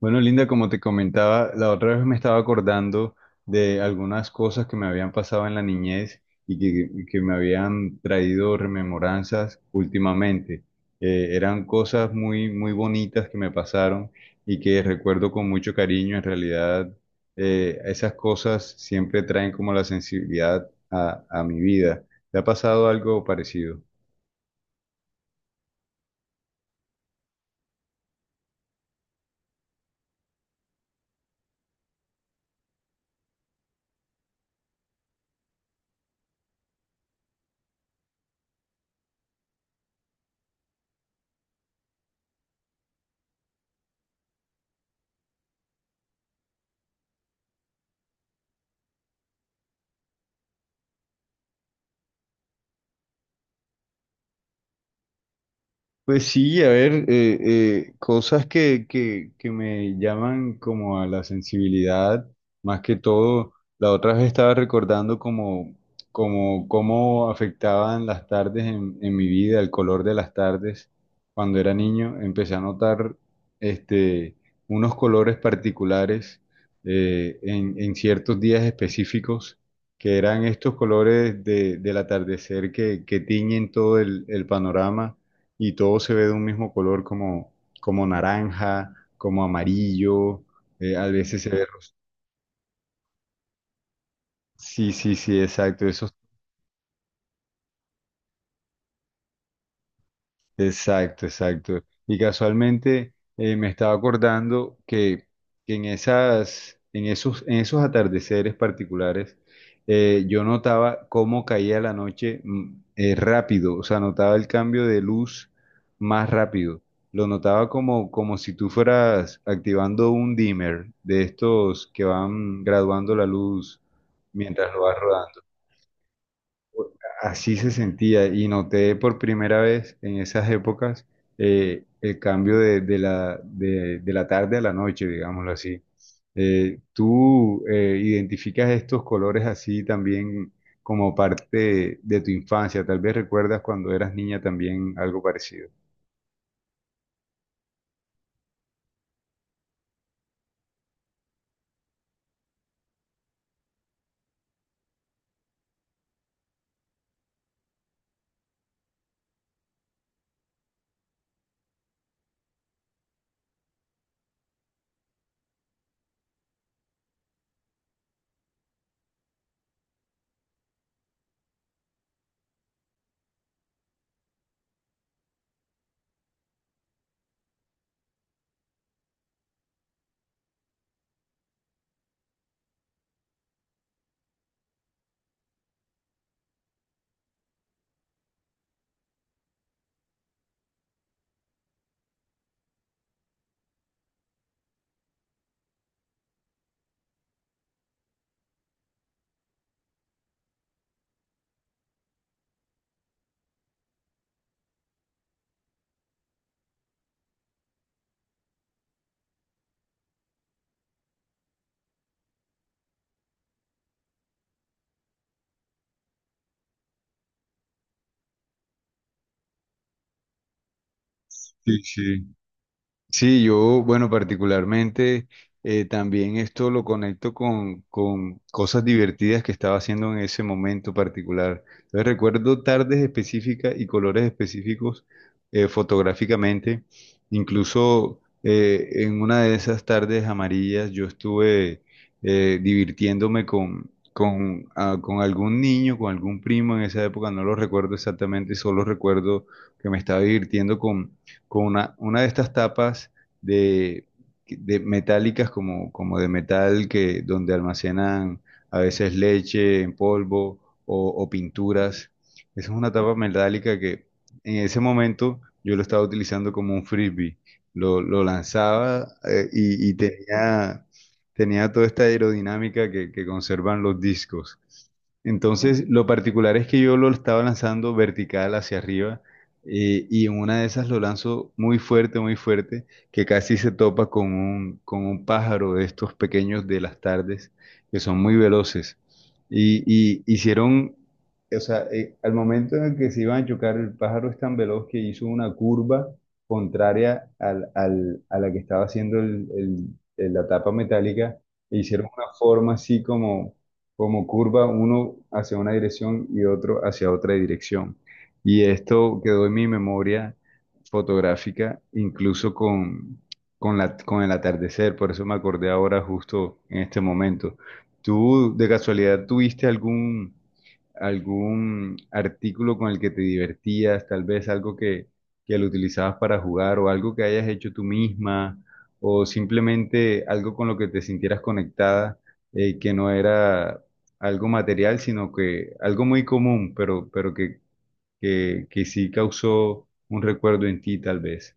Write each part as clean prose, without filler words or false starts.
Bueno, Linda, como te comentaba, la otra vez me estaba acordando de algunas cosas que me habían pasado en la niñez y que me habían traído rememoranzas últimamente. Eran cosas muy, muy bonitas que me pasaron y que recuerdo con mucho cariño. En realidad, esas cosas siempre traen como la sensibilidad a mi vida. ¿Te ha pasado algo parecido? Pues sí, a ver, cosas que me llaman como a la sensibilidad, más que todo, la otra vez estaba recordando como, como cómo afectaban las tardes en mi vida, el color de las tardes. Cuando era niño empecé a notar este, unos colores particulares en ciertos días específicos, que eran estos colores del atardecer que tiñen todo el panorama y todo se ve de un mismo color como, como naranja, como amarillo, a veces se ve... Sí, sí, sí, exacto. Esos. Exacto, exacto. Y casualmente me estaba acordando que, que en esos atardeceres particulares, yo notaba cómo caía la noche, rápido, o sea, notaba el cambio de luz más rápido. Lo notaba como, como si tú fueras activando un dimmer de estos que van graduando la luz mientras lo vas rodando. Así se sentía y noté por primera vez en esas épocas el cambio de la tarde a la noche, digámoslo así. ¿Tú identificas estos colores así también como parte de tu infancia? Tal vez recuerdas cuando eras niña también algo parecido. Sí, sí. Sí, yo, bueno, particularmente, también esto lo conecto con cosas divertidas que estaba haciendo en ese momento particular. Entonces, recuerdo tardes específicas y colores específicos fotográficamente. Incluso en una de esas tardes amarillas yo estuve divirtiéndome con algún niño, con algún primo en esa época, no lo recuerdo exactamente, solo recuerdo que me estaba divirtiendo con una de estas tapas de, de metálicas como, como de metal que donde almacenan a veces leche en polvo o pinturas. Esa es una tapa metálica que en ese momento yo lo estaba utilizando como un frisbee. Lo lanzaba, y, tenía toda esta aerodinámica que conservan los discos. Entonces, lo particular es que yo lo estaba lanzando vertical hacia arriba, y en una de esas lo lanzo muy fuerte, que casi se topa con un pájaro de estos pequeños de las tardes, que son muy veloces. Y, y hicieron, Al momento en el que se iban a chocar, el pájaro es tan veloz que hizo una curva contraria a la que estaba haciendo la tapa metálica, e hicieron una forma así como, como curva, uno hacia una dirección y otro hacia otra dirección. Y esto quedó en mi memoria fotográfica, incluso con la, con el atardecer, por eso me acordé ahora justo en este momento. ¿Tú de casualidad tuviste algún, algún artículo con el que te divertías, tal vez algo que lo utilizabas para jugar o algo que hayas hecho tú misma o simplemente algo con lo que te sintieras conectada, que no era algo material, sino que algo muy común, pero, pero que sí causó un recuerdo en ti, tal vez.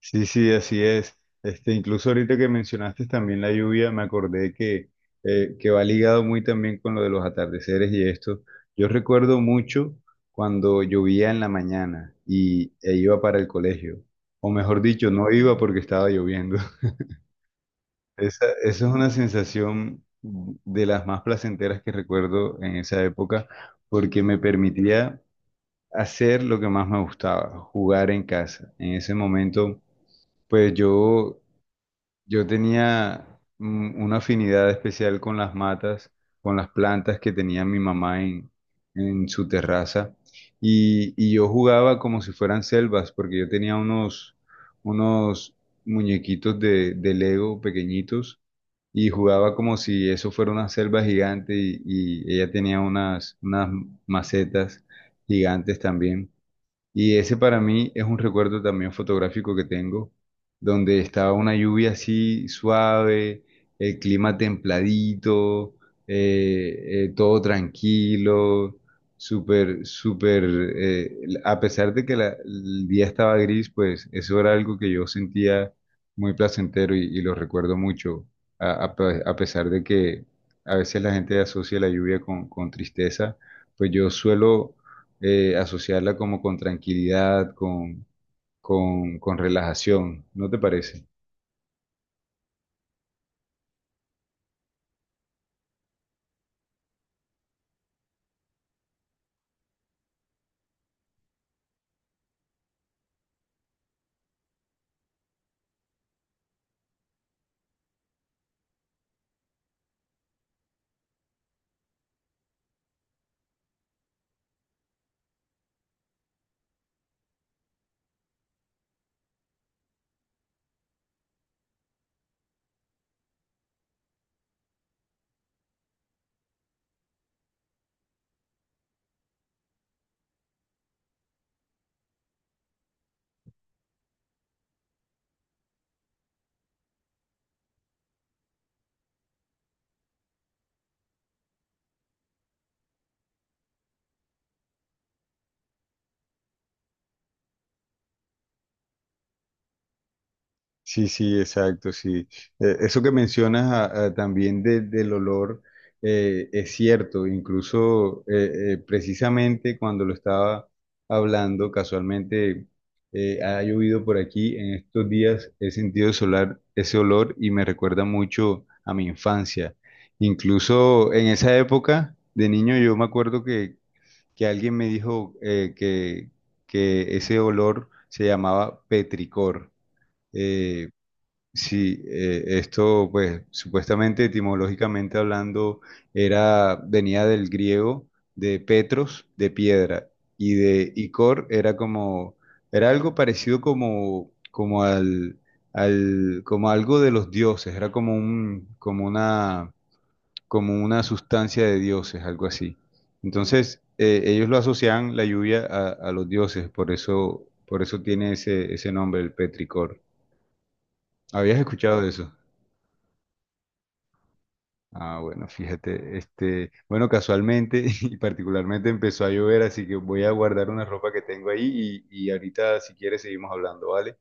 Sí, sí, así es. Este, incluso ahorita que mencionaste también la lluvia, me acordé que va ligado muy también con lo de los atardeceres y esto. Yo recuerdo mucho cuando llovía en la mañana y e iba para el colegio. O mejor dicho, no iba porque estaba lloviendo. Esa es una sensación de las más placenteras que recuerdo en esa época porque me permitía hacer lo que más me gustaba, jugar en casa. En ese momento, pues yo, yo tenía, una afinidad especial con las matas, con las plantas que tenía mi mamá en su terraza. Y yo jugaba como si fueran selvas, porque yo tenía unos muñequitos de Lego pequeñitos y jugaba como si eso fuera una selva gigante y ella tenía unas macetas gigantes también. Y ese para mí es un recuerdo también fotográfico que tengo, donde estaba una lluvia así suave, el clima templadito, todo tranquilo, súper, súper, eh, a pesar de que el día estaba gris, pues eso era algo que yo sentía muy placentero y lo recuerdo mucho, a pesar de que a veces la gente asocia la lluvia con tristeza, pues yo suelo asociarla como con tranquilidad, con relajación, ¿no te parece? Sí, sí, exacto, sí. Eso que mencionas, también del olor, es cierto, incluso precisamente cuando lo estaba hablando, casualmente ha llovido por aquí, en estos días he sentido solar, ese olor y me recuerda mucho a mi infancia. Incluso en esa época de niño yo me acuerdo que alguien me dijo, que ese olor se llamaba petricor. Eh, sí, esto pues supuestamente etimológicamente hablando era, venía del griego, de petros, de piedra, y de icor, era como, era algo parecido como, como como algo de los dioses, era como un, como una, como una sustancia de dioses, algo así. Entonces, ellos lo asocian la lluvia a los dioses, por eso tiene ese, ese nombre, el petricor. ¿Habías escuchado de eso? Ah, bueno, fíjate, este, bueno, casualmente y particularmente empezó a llover, así que voy a guardar una ropa que tengo ahí y ahorita si quieres seguimos hablando, ¿vale?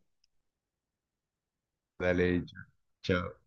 Dale, chao.